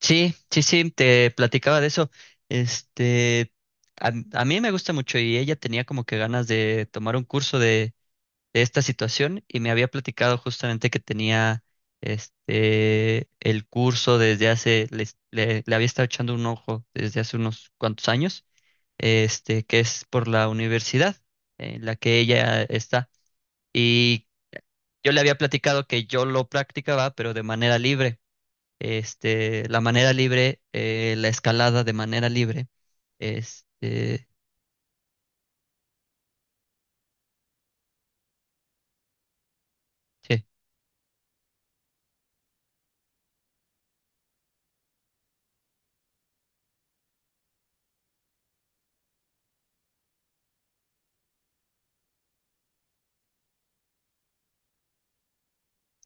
Sí, sí, sí, te platicaba de eso. Este, a mí me gusta mucho y ella tenía como que ganas de tomar un curso de esta situación, y me había platicado justamente que tenía el curso desde hace, le había estado echando un ojo desde hace unos cuantos años, que es por la universidad en la que ella está. Y yo le había platicado que yo lo practicaba, pero de manera libre. La manera libre, la escalada de manera libre. Este, sí.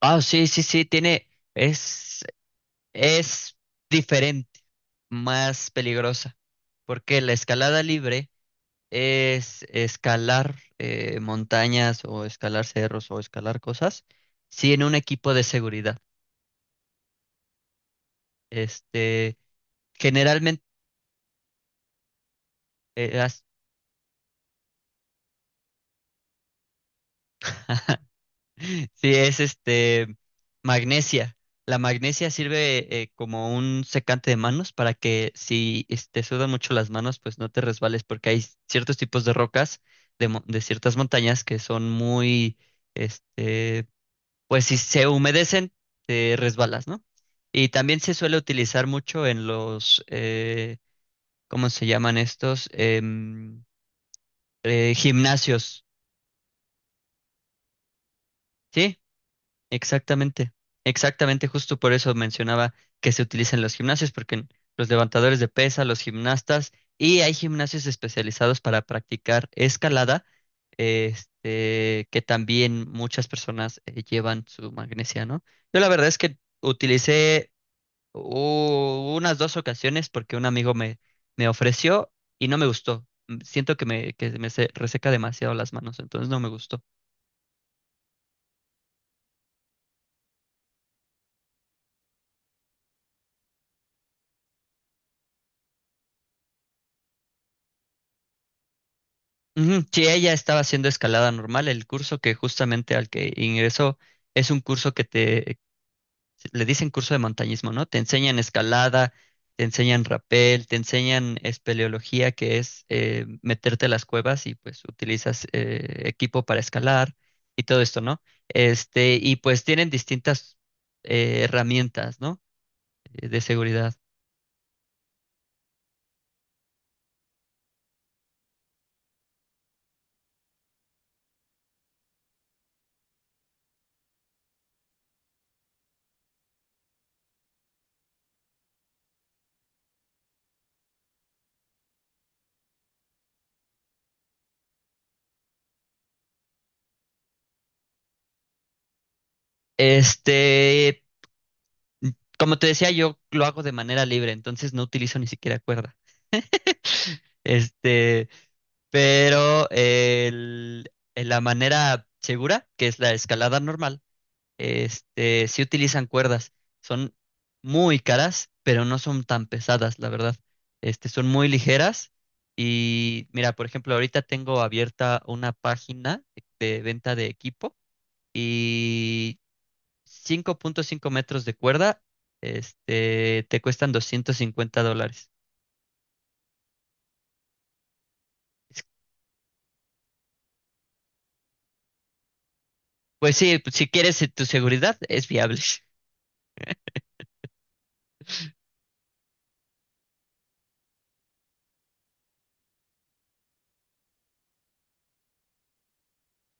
Ah, sí, sí, sí. Tiene, es, es diferente, más peligrosa, porque la escalada libre es escalar montañas, o escalar cerros, o escalar cosas, sí, en un equipo de seguridad. Este, Generalmente, eh, sí, es magnesia. La magnesia sirve como un secante de manos para que si te sudan mucho las manos, pues no te resbales, porque hay ciertos tipos de rocas de ciertas montañas que son muy, este, pues si se humedecen, te resbalas, ¿no? Y también se suele utilizar mucho en los, ¿cómo se llaman estos? Gimnasios. ¿Sí? Exactamente, exactamente, justo por eso mencionaba que se utilizan los gimnasios, porque los levantadores de pesa, los gimnastas, y hay gimnasios especializados para practicar escalada, que también muchas personas llevan su magnesia, ¿no? Yo la verdad es que utilicé unas dos ocasiones, porque un amigo me ofreció y no me gustó. Siento que me reseca demasiado las manos, entonces no me gustó. Ujú. Sí, ella estaba haciendo escalada normal. El curso que justamente al que ingresó es un curso que le dicen curso de montañismo, ¿no? Te enseñan escalada, te enseñan rapel, te enseñan espeleología, que es meterte a las cuevas y pues utilizas equipo para escalar y todo esto, ¿no? Y pues tienen distintas herramientas, ¿no? De seguridad. Este, Como te decía, yo lo hago de manera libre, entonces no utilizo ni siquiera cuerda. Este, pero en la manera segura, que es la escalada normal, sí utilizan cuerdas. Son muy caras, pero no son tan pesadas, la verdad. Son muy ligeras, y mira, por ejemplo, ahorita tengo abierta una página de venta de equipo, y 5,5 metros de cuerda, te cuestan 250 dólares. Pues sí, pues si quieres tu seguridad, es viable.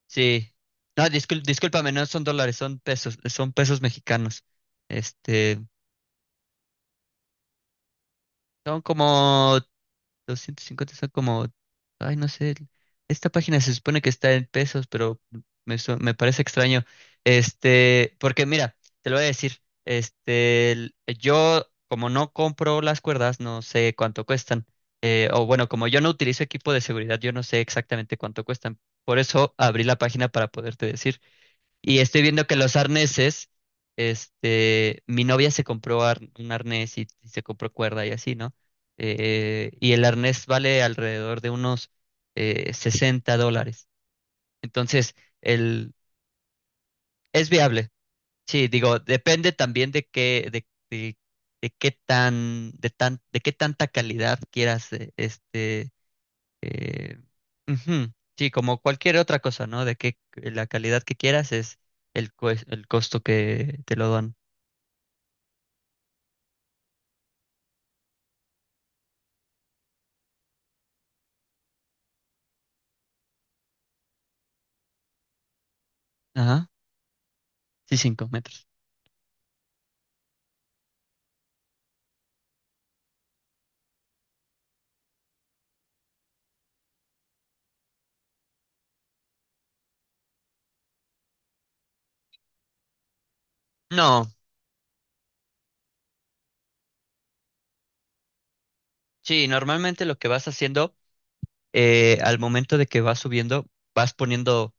Sí. No, discúlpame, no son dólares, son pesos mexicanos. Este, Son como 250, son como, ay, no sé, esta página se supone que está en pesos, pero me parece extraño. Porque mira, te lo voy a decir, yo como no compro las cuerdas, no sé cuánto cuestan. O bueno, como yo no utilizo equipo de seguridad, yo no sé exactamente cuánto cuestan. Por eso abrí la página para poderte decir. Y estoy viendo que los arneses, mi novia se compró un arnés, y se compró cuerda y así, ¿no? Y el arnés vale alrededor de unos 60 dólares. Entonces, el, es viable. Sí, digo, depende también de qué tanta calidad quieras, eh, ujú. Sí, como cualquier otra cosa, ¿no? De que la calidad que quieras es el costo que te lo dan. Ajá. Sí, 5 metros. No, sí, normalmente lo que vas haciendo al momento de que vas subiendo, vas poniendo,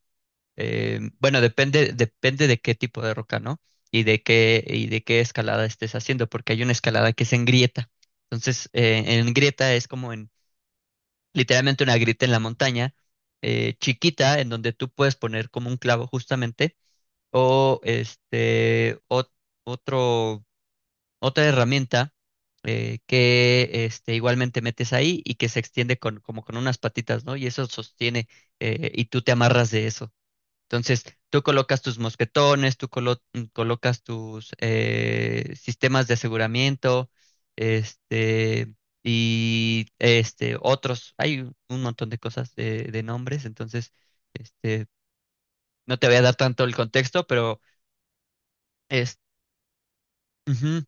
bueno, depende de qué tipo de roca, ¿no? Y de qué escalada estés haciendo, porque hay una escalada que es en grieta. Entonces, en grieta es como literalmente una grita en la montaña, chiquita, en donde tú puedes poner como un clavo justamente, o otro, otra herramienta igualmente metes ahí, y que se extiende con, como con unas patitas, ¿no? Y eso sostiene, y tú te amarras de eso. Entonces, tú colocas tus mosquetones, colocas tus sistemas de aseguramiento, este, otros. Hay un montón de cosas, de nombres, entonces, este, no te voy a dar tanto el contexto, pero es. Ujú.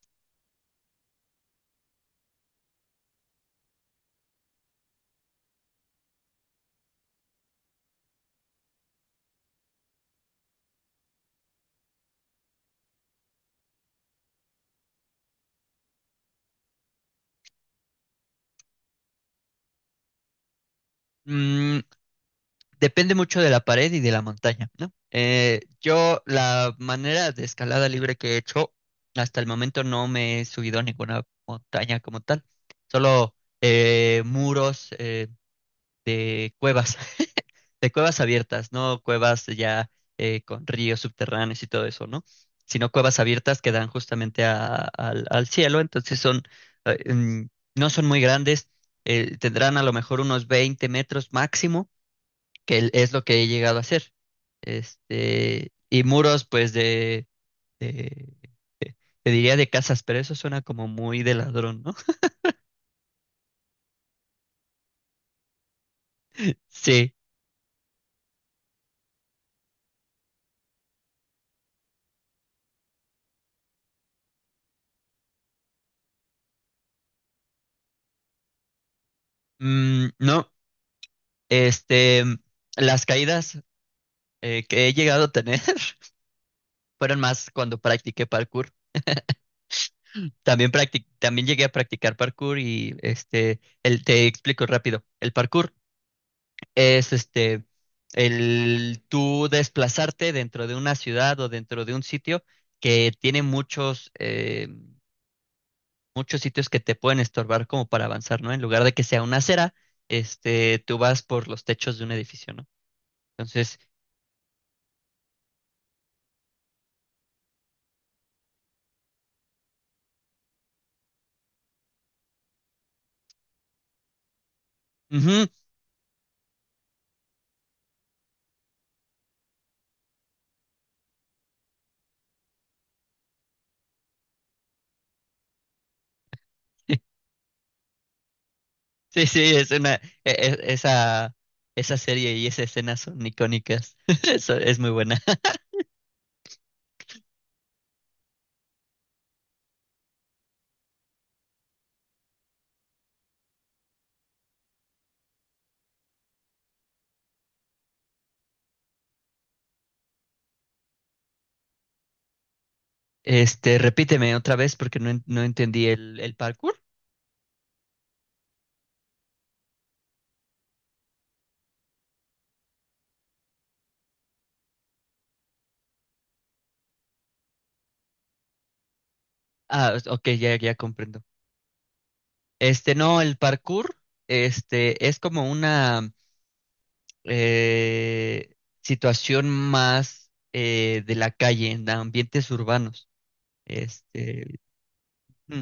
Mm, Depende mucho de la pared y de la montaña, ¿no? Yo, la manera de escalada libre que he hecho, hasta el momento no me he subido a ninguna montaña como tal, solo muros, de cuevas, de cuevas abiertas, no cuevas ya con ríos subterráneos y todo eso, ¿no? Sino cuevas abiertas que dan justamente al cielo, entonces son, eh, mm, no son muy grandes, tendrán a lo mejor unos 20 metros máximo, que es lo que he llegado a hacer. Y muros, pues, de- de- te diría de casas, pero eso suena como muy de ladrón, ¿no? Sí. No, este, las caídas que he llegado a tener fueron más cuando practiqué parkour. También también llegué a practicar parkour, y te explico rápido. El parkour es el tú desplazarte dentro de una ciudad o dentro de un sitio que tiene muchos sitios que te pueden estorbar como para avanzar, ¿no? En lugar de que sea una acera, tú vas por los techos de un edificio, ¿no? Entonces, ujú. Sí, sí, es una esa serie, y esa escena son icónicas. Eso es muy buena. Repíteme otra vez, porque no, no entendí el parkour. Ah, ok, ya, ya comprendo. No, el parkour, es como una eh, situación más de la calle, en ambientes urbanos. Este, mm.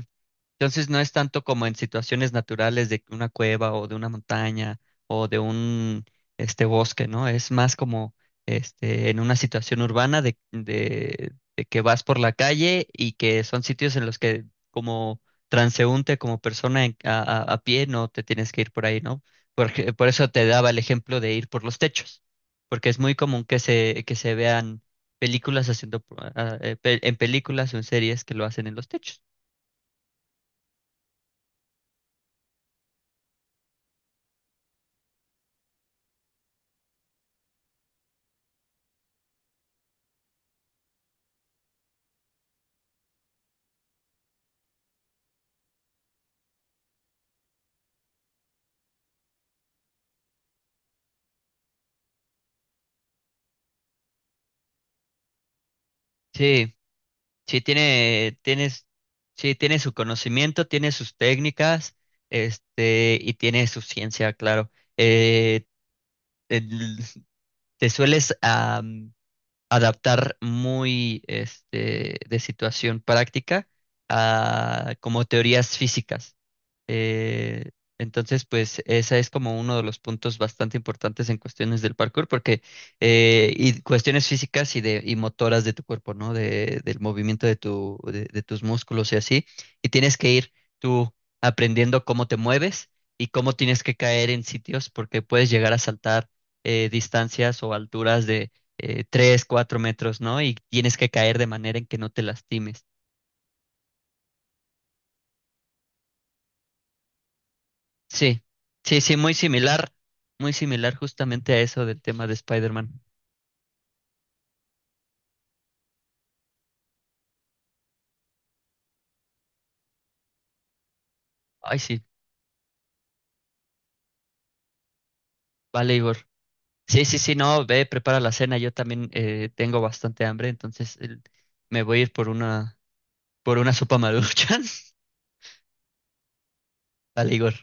Entonces, no es tanto como en situaciones naturales de una cueva o de una montaña o de un bosque, ¿no? Es más como en una situación urbana de que vas por la calle, y que son sitios en los que como transeúnte, como persona a pie, no te tienes que ir por ahí, ¿no? Porque por eso te daba el ejemplo de ir por los techos, porque es muy común que que se vean películas haciendo en películas o en series que lo hacen en los techos. Sí. Sí, tiene, tienes, sí, tiene su conocimiento, tiene sus técnicas, y tiene su ciencia, claro. Eh, el- Te sueles adaptar muy, de situación práctica, a como teorías físicas. Eh, entonces, pues esa es como uno de los puntos bastante importantes en cuestiones del parkour, porque y cuestiones físicas y motoras de tu cuerpo, ¿no? Del movimiento de tus músculos y así. Y tienes que ir tú aprendiendo cómo te mueves y cómo tienes que caer en sitios, porque puedes llegar a saltar distancias o alturas de 3, 4 metros, ¿no? Y tienes que caer de manera en que no te lastimes. Sí, sí, sí, muy similar, muy similar, justamente a eso del tema de Spider-Man. Ay, sí, vale, Igor. Sí, sí, sí, no, ve, prepara la cena, yo también tengo bastante hambre, entonces me voy a ir por una sopa maruchan. Vale, Igor.